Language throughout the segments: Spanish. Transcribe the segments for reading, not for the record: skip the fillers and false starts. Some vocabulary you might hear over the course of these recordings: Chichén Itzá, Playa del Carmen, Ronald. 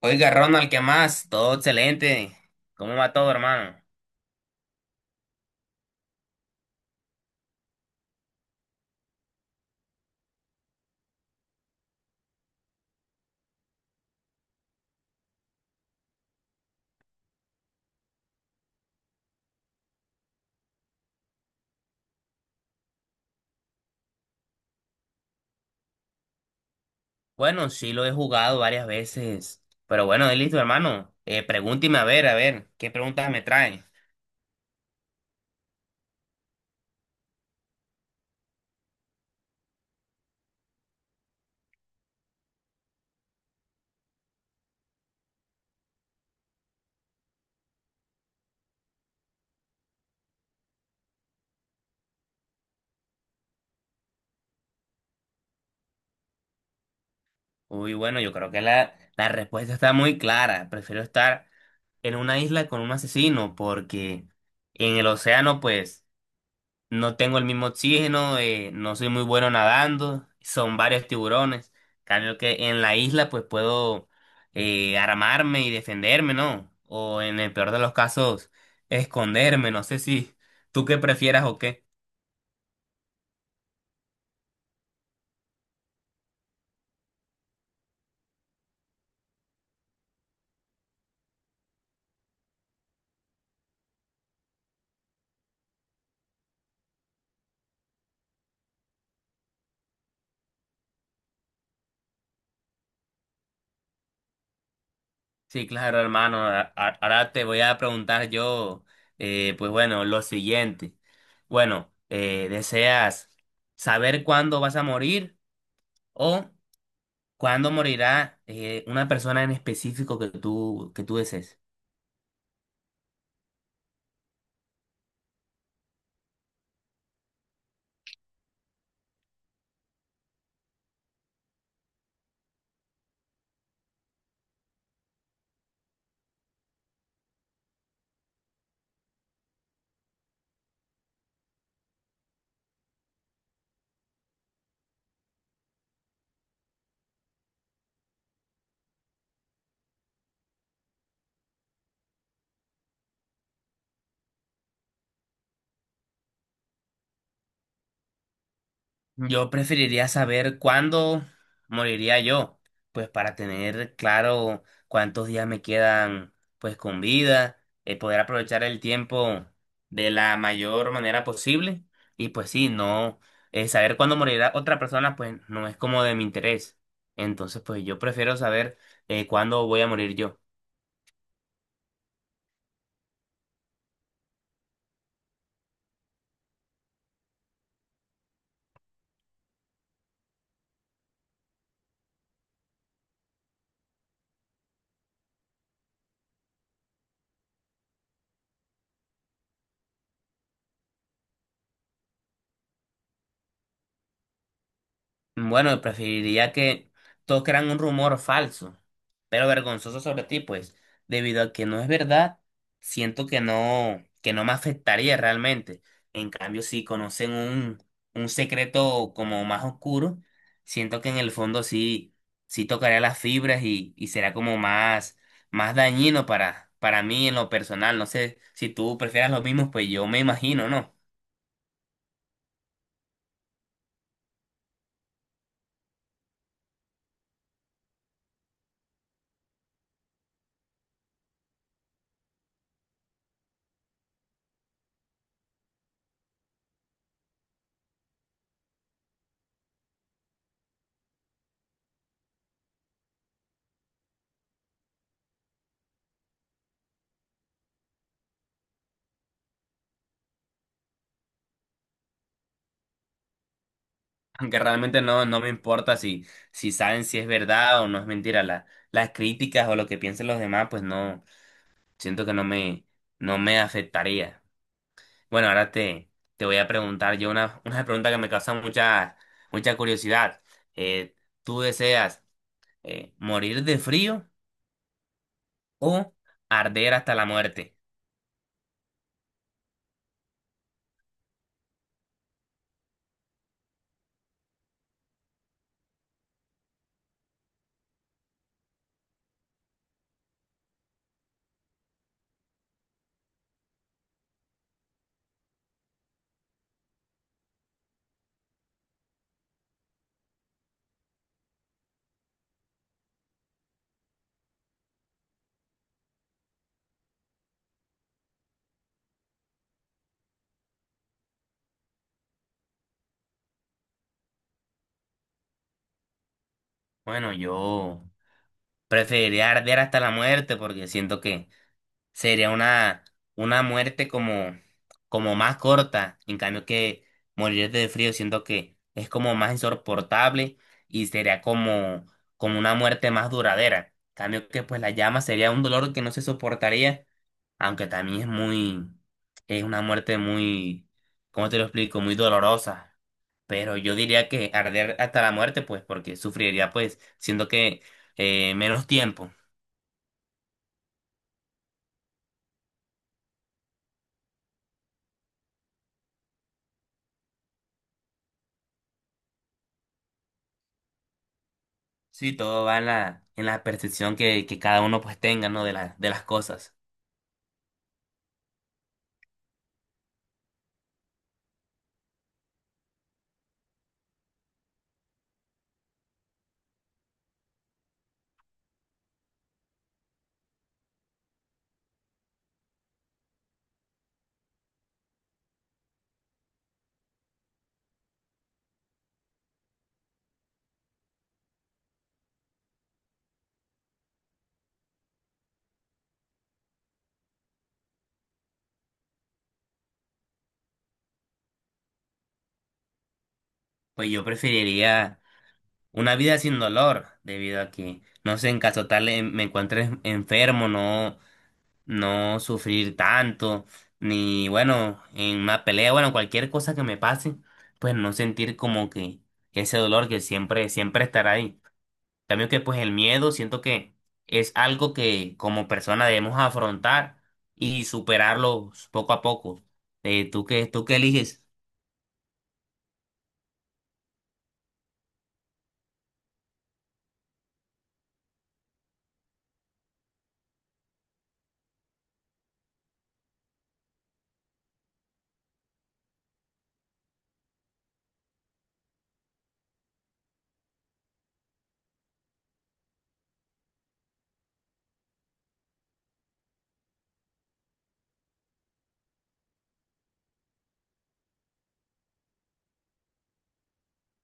Oiga, Ronald, ¿qué más? Todo excelente. ¿Cómo va todo, hermano? Bueno, sí lo he jugado varias veces. Pero bueno, listo, hermano. Pregúnteme a ver, ¿qué preguntas me trae? Uy, bueno, yo creo que la respuesta está muy clara. Prefiero estar en una isla con un asesino porque en el océano, pues, no tengo el mismo oxígeno, no soy muy bueno nadando, son varios tiburones. Cambio que en la isla pues puedo armarme y defenderme, ¿no? O en el peor de los casos, esconderme, no sé si tú qué prefieras o qué. Sí, claro, hermano, ahora te voy a preguntar yo, pues bueno, lo siguiente. Bueno, ¿deseas saber cuándo vas a morir o ¿cuándo morirá una persona en específico que tú desees? Yo preferiría saber cuándo moriría yo, pues para tener claro cuántos días me quedan pues con vida, poder aprovechar el tiempo de la mayor manera posible y pues sí, no saber cuándo morirá otra persona pues no es como de mi interés. Entonces pues yo prefiero saber cuándo voy a morir yo. Bueno, preferiría que todos crean un rumor falso, pero vergonzoso sobre ti, pues, debido a que no es verdad, siento que no me afectaría realmente. En cambio, si conocen un secreto como más oscuro, siento que en el fondo sí, sí tocaría las fibras y será como más dañino para mí en lo personal. No sé si tú prefieras lo mismo, pues yo me imagino, ¿no? Aunque realmente no, no me importa si saben si es verdad o no es mentira. Las críticas o lo que piensen los demás, pues no, siento que no me afectaría. Bueno, ahora te voy a preguntar yo una, una pregunta que me causa mucha, mucha curiosidad. Eh, ¿Tú deseas morir de frío o arder hasta la muerte? Bueno, yo preferiría arder hasta la muerte porque siento que sería una muerte como más corta. En cambio que morir de frío siento que es como más insoportable y sería como una muerte más duradera. En cambio que pues la llama sería un dolor que no se soportaría, aunque también es una muerte muy, ¿cómo te lo explico? Muy dolorosa. Pero yo diría que arder hasta la muerte, pues, porque sufriría pues, siento que menos tiempo. Sí, todo va en en la percepción que cada uno pues tenga, ¿no? De las cosas. Pues yo preferiría una vida sin dolor, debido a que, no sé, en caso tal me encuentre enfermo, no, no sufrir tanto, ni bueno, en una pelea, bueno, cualquier cosa que me pase, pues no sentir como que ese dolor que siempre, siempre estará ahí. También que pues el miedo siento que es algo que como persona debemos afrontar y superarlo poco a poco. ¿Tú qué eliges?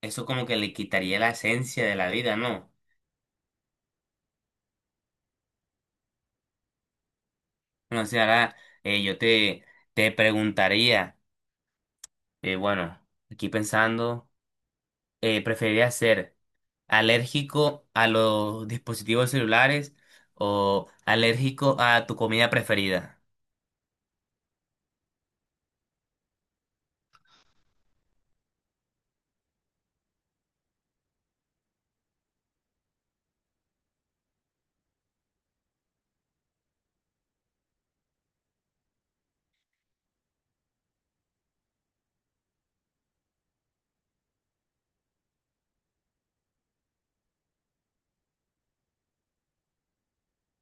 Eso como que le quitaría la esencia de la vida, ¿no? No sé, ahora yo te preguntaría, bueno, aquí pensando, ¿preferirías ser alérgico a los dispositivos celulares o alérgico a tu comida preferida?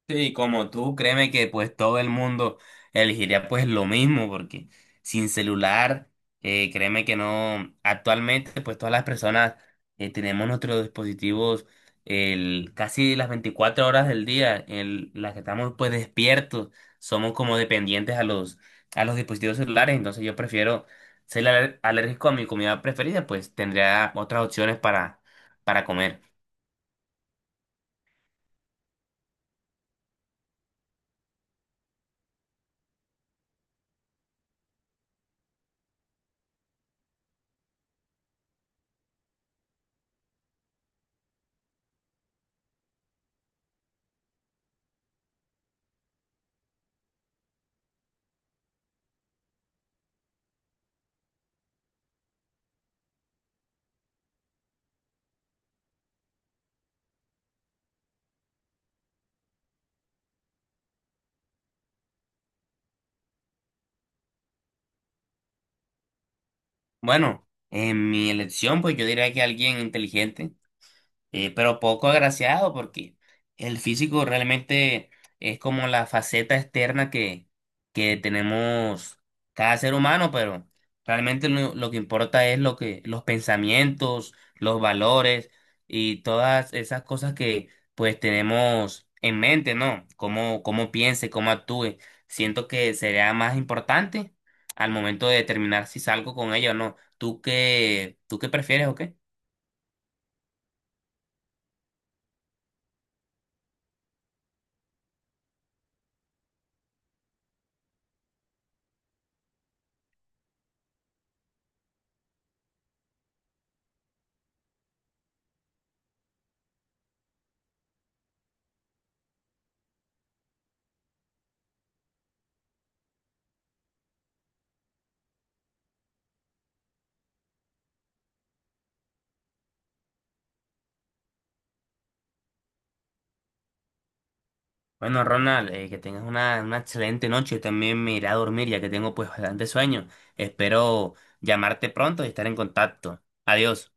Sí, como tú, créeme que pues todo el mundo elegiría pues lo mismo, porque sin celular, créeme que no, actualmente pues todas las personas tenemos nuestros dispositivos casi las 24 horas del día, en las que estamos pues despiertos, somos como dependientes a los dispositivos celulares, entonces yo prefiero ser alérgico a mi comida preferida, pues tendría otras opciones para comer. Bueno, en mi elección pues yo diría que alguien inteligente, pero poco agraciado porque el físico realmente es como la faceta externa que tenemos cada ser humano, pero realmente lo que importa es los pensamientos, los valores y todas esas cosas que pues tenemos en mente, ¿no? Cómo, cómo piense, cómo actúe. Siento que sería más importante al momento de determinar si salgo con ella o no. ¿Tú qué prefieres o qué? Bueno, Ronald, que tengas una excelente noche. Yo también me iré a dormir ya que tengo pues bastante sueño. Espero llamarte pronto y estar en contacto. Adiós.